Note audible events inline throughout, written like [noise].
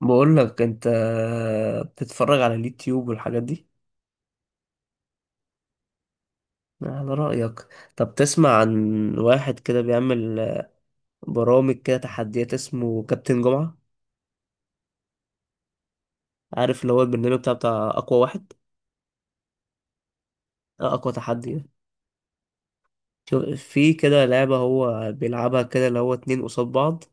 بقول لك انت بتتفرج على اليوتيوب والحاجات دي. على رأيك. طب تسمع عن واحد كده بيعمل برامج كده تحديات اسمه كابتن جمعة؟ عارف اللي هو البرنامج بتاع أقوى واحد؟ أقوى تحدي ده. شوف، في كده لعبة هو بيلعبها كده اللي هو اتنين قصاد بعض،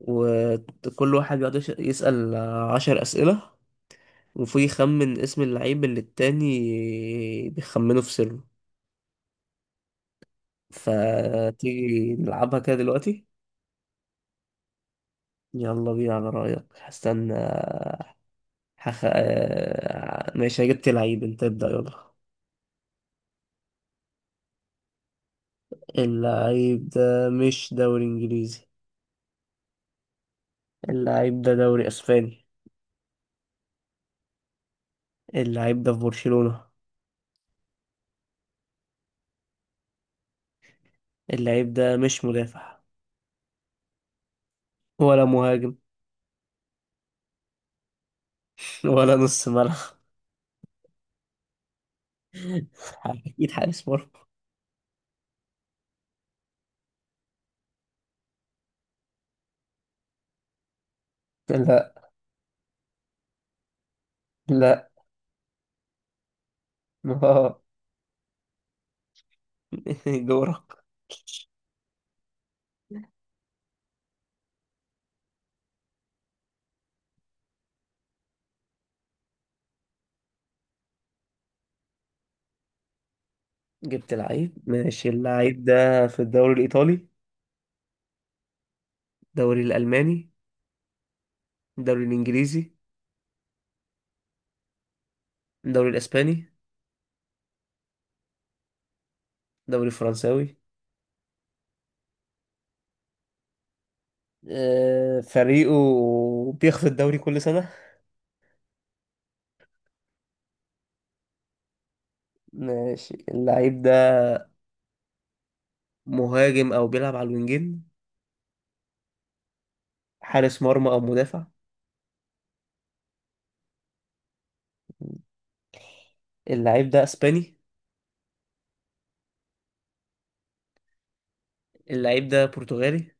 وكل واحد بيقعد يسأل 10 أسئلة وفي يخمن اسم اللعيب اللي التاني بيخمنه في سره. فتيجي نلعبها كده دلوقتي؟ يلا بينا. على رأيك. هستنى. هخ... آه، ماشي، جبت لعيب. انت ابدأ، يلا. اللعيب ده مش دوري انجليزي. اللعيب ده دوري اسباني. اللعيب ده في برشلونة. اللعيب ده مش مدافع، ولا مهاجم، [laughs] ولا نص ملعب، [laughs] اكيد حارس مرمى. لا لا. آه. [laughs] دورك. جبت لعيب، ماشي. اللعيب ده في الدوري الايطالي؟ الدوري الالماني؟ الدوري الانجليزي؟ الدوري الاسباني؟ الدوري الفرنساوي؟ فريقه بياخد الدوري كل سنة. ماشي. اللعيب ده مهاجم أو بيلعب على الوينجين؟ حارس مرمى أو مدافع؟ اللعيب ده أسباني؟ اللعيب ده برتغالي؟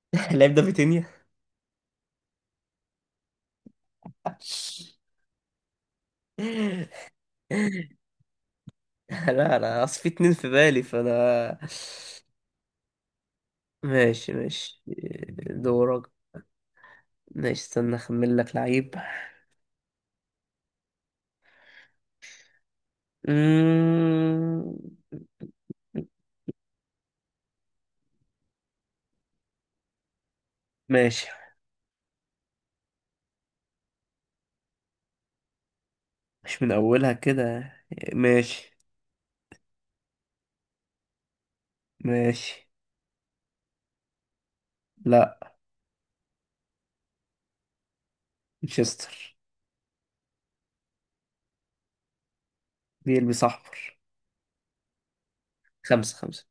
[laughs] اللعيب ده فيتينيا. [laughs] لا، أنا أصل في اتنين في بالي فأنا ماشي ماشي. دورك. ماشي، استنى أخمن لك لعيب. مم، ماشي. مش من أولها كده. ماشي ماشي. لا. مانشستر. بيلبس احمر. خمسة خمسة.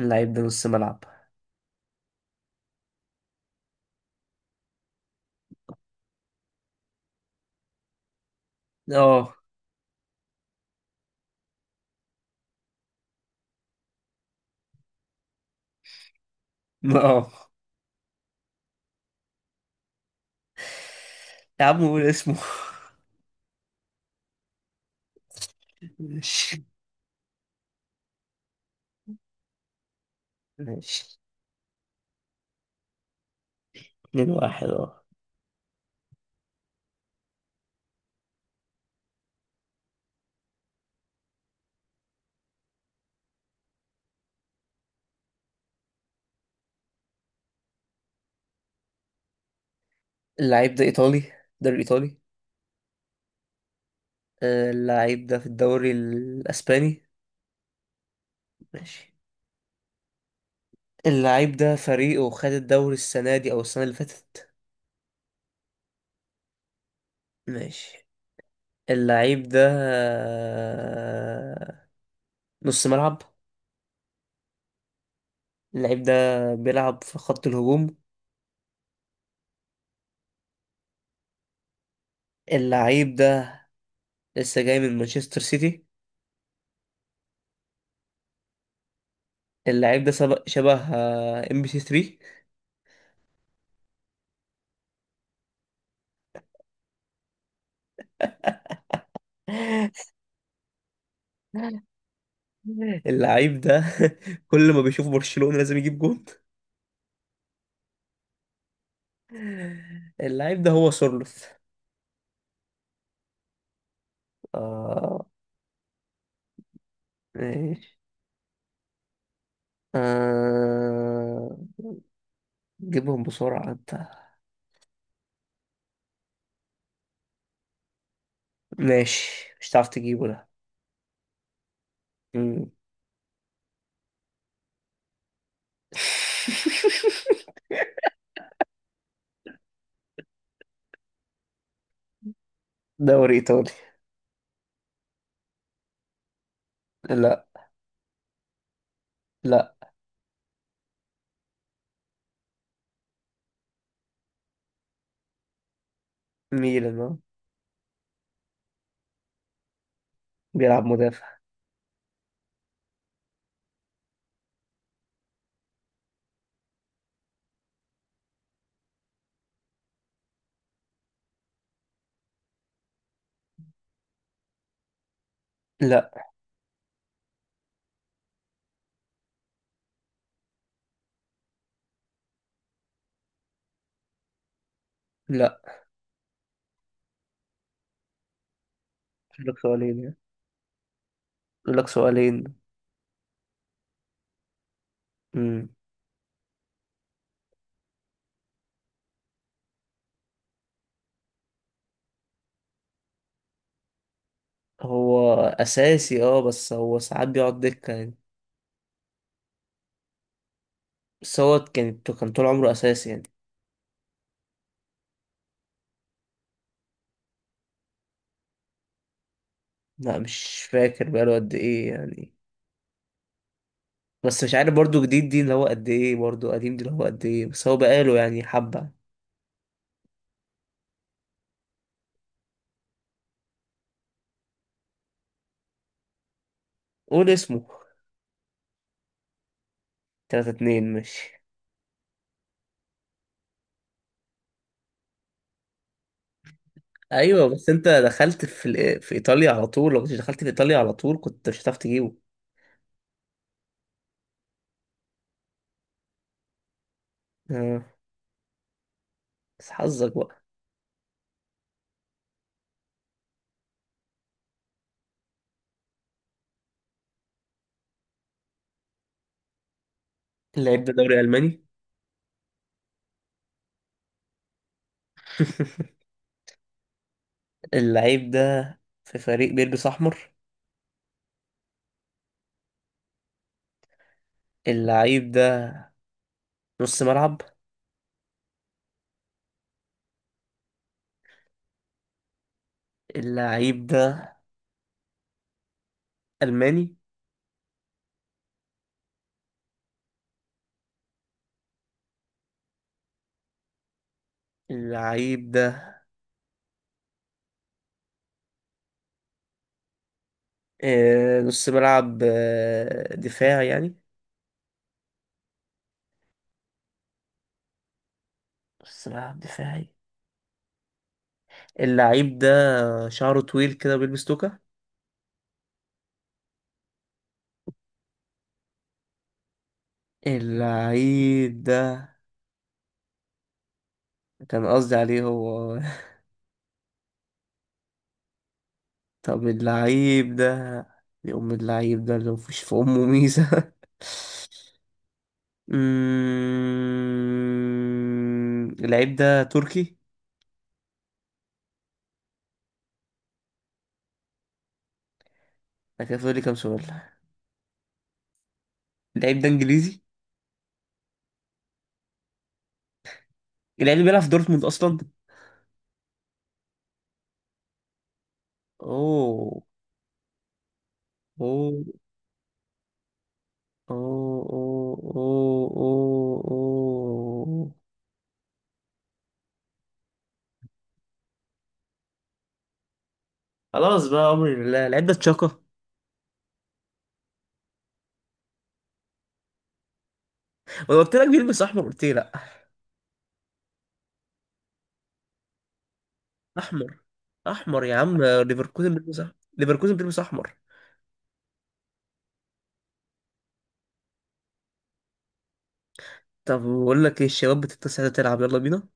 اللعيب ده نص ملعب. اه اه. يا عم قول اسمه. ماشي ماشي. 2-1، اه. اللعيب ده ايطالي، الدوري الايطالي. اللعيب ده في الدوري الاسباني. ماشي. اللعيب ده فريقه خد الدوري السنة دي او السنة اللي فاتت. ماشي. اللعيب ده نص ملعب. اللعيب ده بيلعب في خط الهجوم. اللعيب ده لسه جاي من مانشستر سيتي. اللعيب ده شبه ام بي سي 3. اللعيب ده [laughs] كل ما بيشوف برشلونة لازم يجيب جون. اللعيب ده هو سورلوث. اه. ماشي. آه... جيبهم بسرعة انت. ماشي، مش هتعرف تجيبه ده. مم. [laughs] دوري ايطالي. لا. لا. ميلان، آه. بيلعب مدافع. لا. لا، اقول لك سؤالين يعني. اقول لك سؤالين. مم. هو اساسي اه، بس هو ساعات بيقعد دكة يعني. بس هو كان طول عمره اساسي يعني. لا، مش فاكر بقاله قد ايه يعني، بس مش عارف برضو جديد دي اللي هو قد ايه، برضو قديم دي اللي هو قد ايه، بس هو بقاله يعني حبة. قول اسمه. 3-2، ماشي. ايوه، بس انت دخلت في في ايطاليا على طول، لو كنتش دخلت في ايطاليا على طول كنت مش هتعرف تجيبه. آه. بس حظك بقى. اللعيب ده دوري الماني. [laughs] اللعيب ده في فريق بيلبس احمر. اللعيب ده نص ملعب. اللعيب ده الماني. اللعيب ده نص ملعب دفاع يعني. نص ملعب دفاعي. اللعيب ده شعره طويل كده بيلبس توكة. اللعيب ده كان قصدي عليه هو. [laughs] طب اللعيب ده، يا أم اللعيب ده اللي مفيش في أمه ميزة. [laughs] اللعيب ده تركي. أنا كده فاضل لي كام سؤال. اللعيب ده إنجليزي. اللعيب ده بيلعب في دورتموند أصلا. أوه، أوه اوه اوه اوه اوه اوه. خلاص بقى، امر لله، العده تشاكا. وانا قلت لك بيلبس احمر قلت لي لا. احمر احمر يا عم، ليفركوزن بيلبس احمر، ليفركوزن بيلبس احمر. طب بقول لك ايه الشباب بتتسع تلعب؟ يلا بينا.